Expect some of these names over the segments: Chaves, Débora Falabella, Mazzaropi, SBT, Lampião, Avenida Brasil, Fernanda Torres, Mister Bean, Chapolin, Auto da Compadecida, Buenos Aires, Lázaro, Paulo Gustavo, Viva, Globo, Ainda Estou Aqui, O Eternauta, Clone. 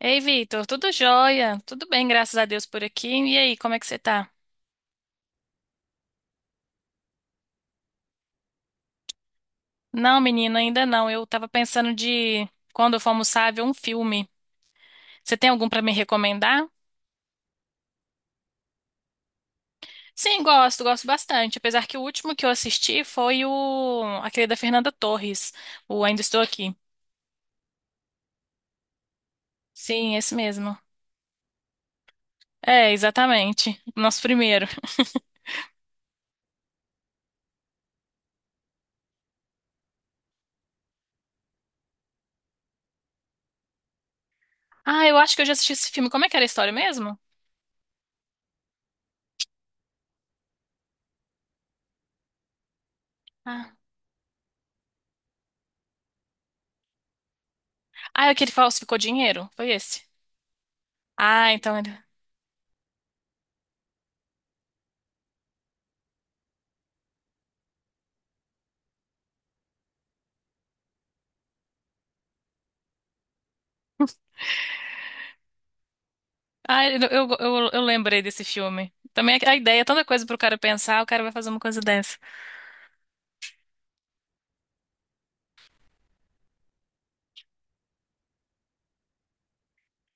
Ei, Vitor, tudo jóia? Tudo bem, graças a Deus por aqui. E aí, como é que você tá? Não, menino, ainda não. Eu tava pensando de, Quando eu for almoçar, ver um filme. Você tem algum pra me recomendar? Sim, gosto, gosto bastante. Apesar que o último que eu assisti foi o aquele da Fernanda Torres, o Ainda Estou Aqui. Sim, esse mesmo. É, exatamente. O nosso primeiro. Ah, eu acho que eu já assisti esse filme. Como é que era a história mesmo? Ah, ah é o que ele falsificou dinheiro? Foi esse? Ah, então. Ah, eu lembrei desse filme. Também a ideia, é tanta coisa pro cara pensar, o cara vai fazer uma coisa dessa.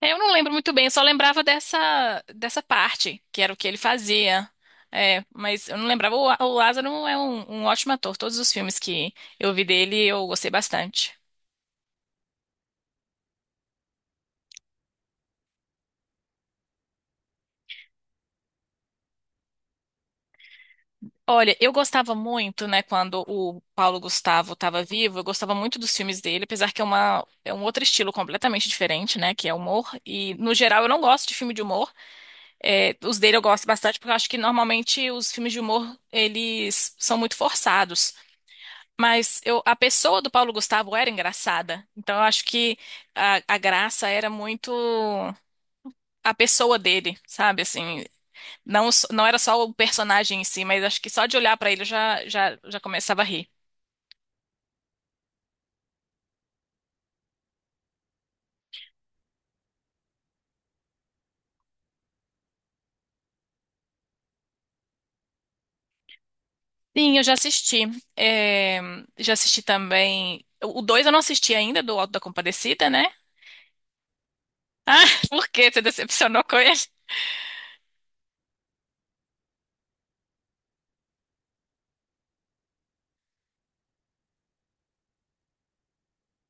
É, eu não lembro muito bem, eu só lembrava dessa, parte, que era o que ele fazia. É, mas eu não lembrava. O Lázaro é um ótimo ator. Todos os filmes que eu vi dele, eu gostei bastante. Olha, eu gostava muito, né, quando o Paulo Gustavo estava vivo, eu gostava muito dos filmes dele, apesar que é uma, é um outro estilo completamente diferente, né, que é humor. E, no geral, eu não gosto de filme de humor. É, os dele eu gosto bastante porque eu acho que normalmente os filmes de humor eles são muito forçados. Mas eu, a pessoa do Paulo Gustavo era engraçada. Então eu acho que a graça era muito a pessoa dele, sabe? Assim, não, não era só o personagem em si, mas acho que só de olhar pra ele eu já começava a rir. Sim, eu já assisti. É, já assisti também. O 2 eu não assisti ainda, do Alto da Compadecida, né? Ah, por quê? Você decepcionou com ele?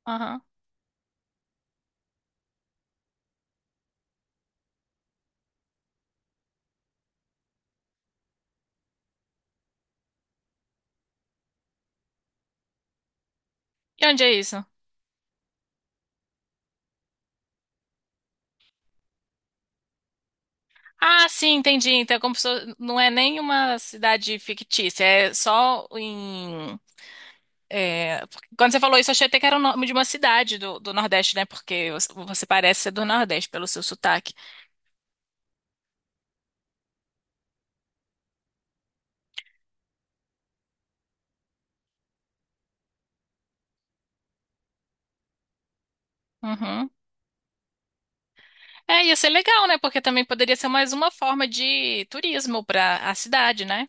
Aham. E onde é isso? Ah, sim, entendi. Então, é como se fosse- não é nem uma cidade fictícia, é só em. É, porque quando você falou isso, eu achei até que era o nome de uma cidade do, do Nordeste, né? Porque você parece ser do Nordeste pelo seu sotaque. Uhum. É, ia ser legal, né? Porque também poderia ser mais uma forma de turismo para a cidade, né?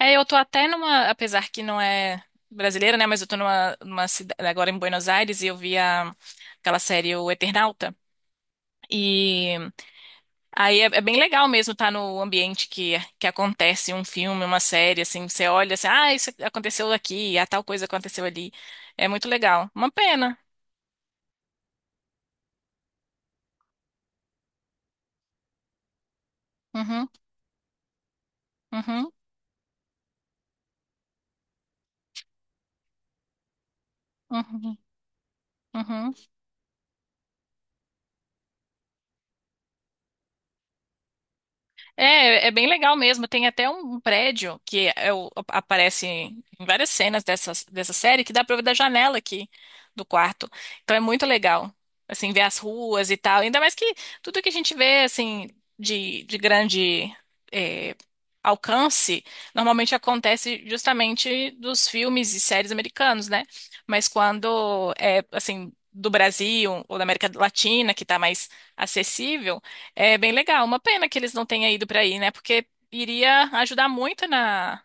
É, eu tô até numa, apesar que não é brasileira, né? Mas eu tô numa, numa cidade agora em Buenos Aires e eu vi aquela série O Eternauta. E aí é, é bem legal mesmo estar no ambiente que acontece um filme, uma série, assim, você olha assim, ah, isso aconteceu aqui, ah, tal coisa aconteceu ali. É muito legal. Uma pena. Uhum, uhum, uhum, uhum. É, é bem legal mesmo. Tem até um prédio que aparece em várias cenas dessa série que dá pra ver da janela aqui do quarto. Então é muito legal, assim, ver as ruas e tal. Ainda mais que tudo que a gente vê, assim, de grande é, alcance, normalmente acontece justamente dos filmes e séries americanos, né? Mas quando é, assim, do Brasil ou da América Latina, que tá mais acessível, é bem legal. Uma pena que eles não tenham ido para aí, né? Porque iria ajudar muito na,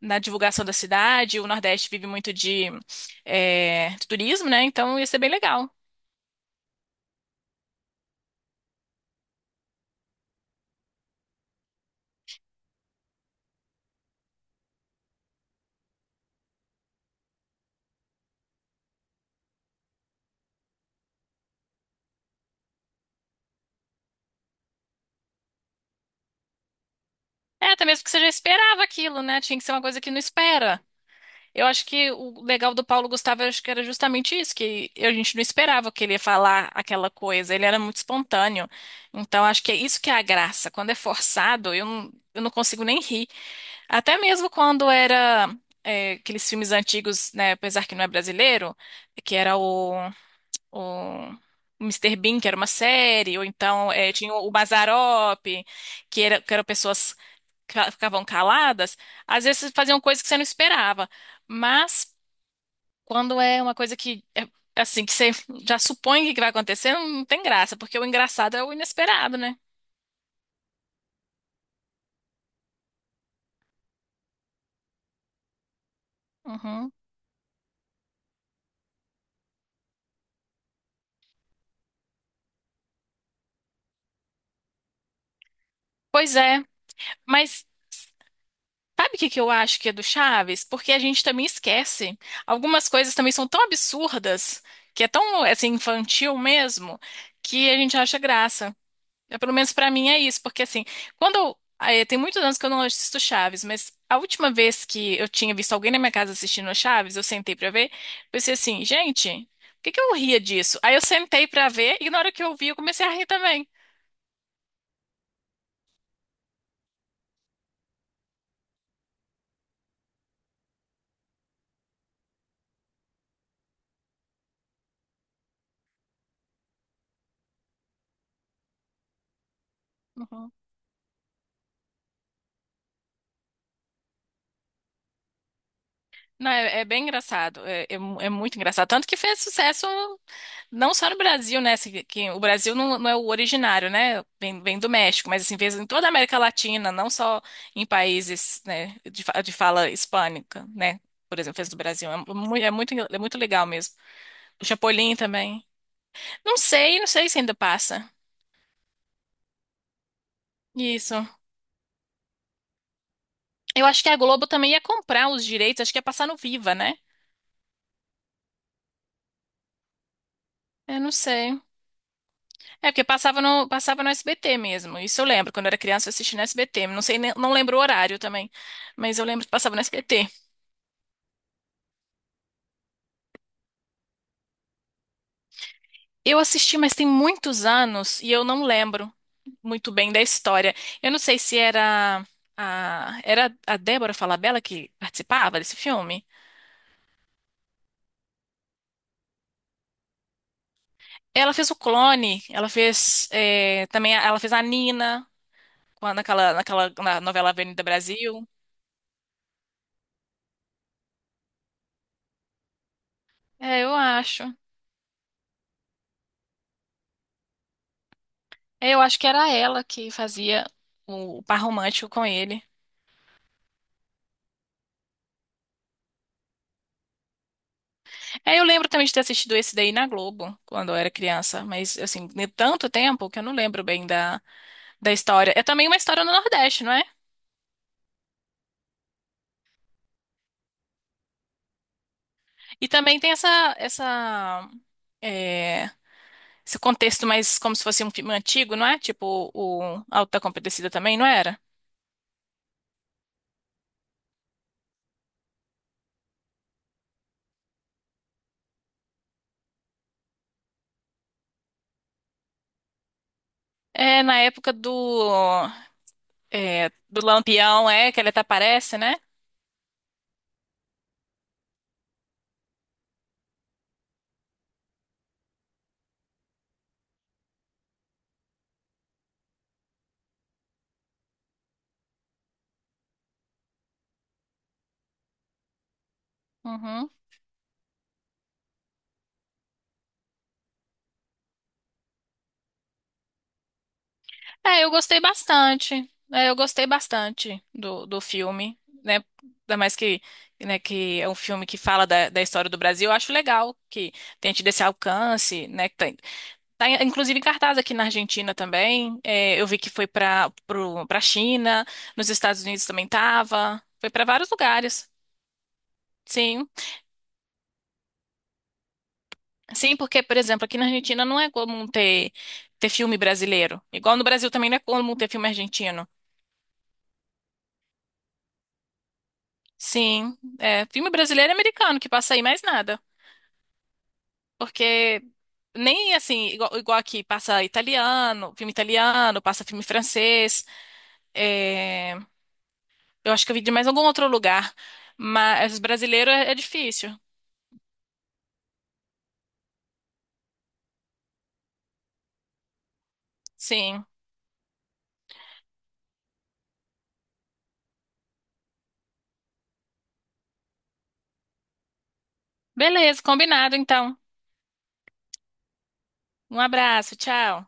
na divulgação da cidade. O Nordeste vive muito de, é, de turismo, né? Então ia ser bem legal. É, até mesmo que você já esperava aquilo, né? Tinha que ser uma coisa que não espera. Eu acho que o legal do Paulo Gustavo, eu acho que era justamente isso, que a gente não esperava que ele ia falar aquela coisa. Ele era muito espontâneo. Então, acho que é isso que é a graça. Quando é forçado, eu não consigo nem rir. Até mesmo quando era é, aqueles filmes antigos, né, apesar que não é brasileiro, que era o Mister Bean, que era uma série, ou então é, tinha o Mazzaropi, que, era, que eram pessoas que ficavam caladas, às vezes faziam coisas que você não esperava. Mas quando é uma coisa que é, assim, que você já supõe que vai acontecer, não tem graça, porque o engraçado é o inesperado, né? Uhum. Pois é, mas sabe o que que eu acho que é do Chaves? Porque a gente também esquece. Algumas coisas também são tão absurdas, que é tão assim infantil mesmo, que a gente acha graça. É, pelo menos pra mim é isso, porque assim, quando eu, tem muitos anos que eu não assisto Chaves, mas a última vez que eu tinha visto alguém na minha casa assistindo a Chaves, eu sentei pra ver, pensei assim, gente, por que que eu ria disso? Aí eu sentei pra ver e na hora que eu vi, eu comecei a rir também. Uhum. Não, é, é bem engraçado, é, é muito engraçado. Tanto que fez sucesso não só no Brasil, né? Que, o Brasil não, não é o originário, né? Vem, vem do México, mas assim, fez em toda a América Latina, não só em países, né, de, de fala hispânica, né? Por exemplo, fez do Brasil. É, é muito legal mesmo. O Chapolin também. Não sei, não sei se ainda passa. Isso. Eu acho que a Globo também ia comprar os direitos, acho que ia passar no Viva, né? Eu não sei. É, porque passava no SBT mesmo. Isso eu lembro. Quando eu era criança, eu assisti no SBT. Não sei, não lembro o horário também. Mas eu lembro que passava no SBT. Eu assisti, mas tem muitos anos e eu não lembro muito bem da história. Eu não sei se era era a Débora Falabella que participava desse filme. Ela fez O Clone, ela fez é, também, ela fez a Nina naquela, naquela na novela Avenida Brasil. É, eu acho. É, eu acho que era ela que fazia o par romântico com ele. É, eu lembro também de ter assistido esse daí na Globo quando eu era criança, mas assim, de tanto tempo que eu não lembro bem da, da história. É também uma história no Nordeste, não é? E também tem essa é, esse contexto mais como se fosse um filme antigo, não é? Tipo o Auto da Compadecida também, não era? É, na época do, é, do Lampião, é, que ele até aparece, né? Uhum. É, eu gostei bastante. É, eu gostei bastante do, do filme, né? Ainda mais que, né, que é um filme que fala da, da história do Brasil. Eu acho legal que tenha tido esse alcance, né? que Tá, tá, inclusive em cartaz aqui na Argentina também. É, eu vi que foi para para China, nos Estados Unidos também tava. Foi para vários lugares. Sim. Sim, porque, por exemplo, aqui na Argentina não é comum ter, ter filme brasileiro. Igual no Brasil também não é comum ter filme argentino. Sim, é, filme brasileiro e americano que passa aí mais nada. Porque nem assim, igual, igual aqui, passa italiano, filme italiano, passa filme francês. É, eu acho que eu vi de mais algum outro lugar. Mas brasileiro é difícil. Sim. Beleza, combinado então. Um abraço, tchau.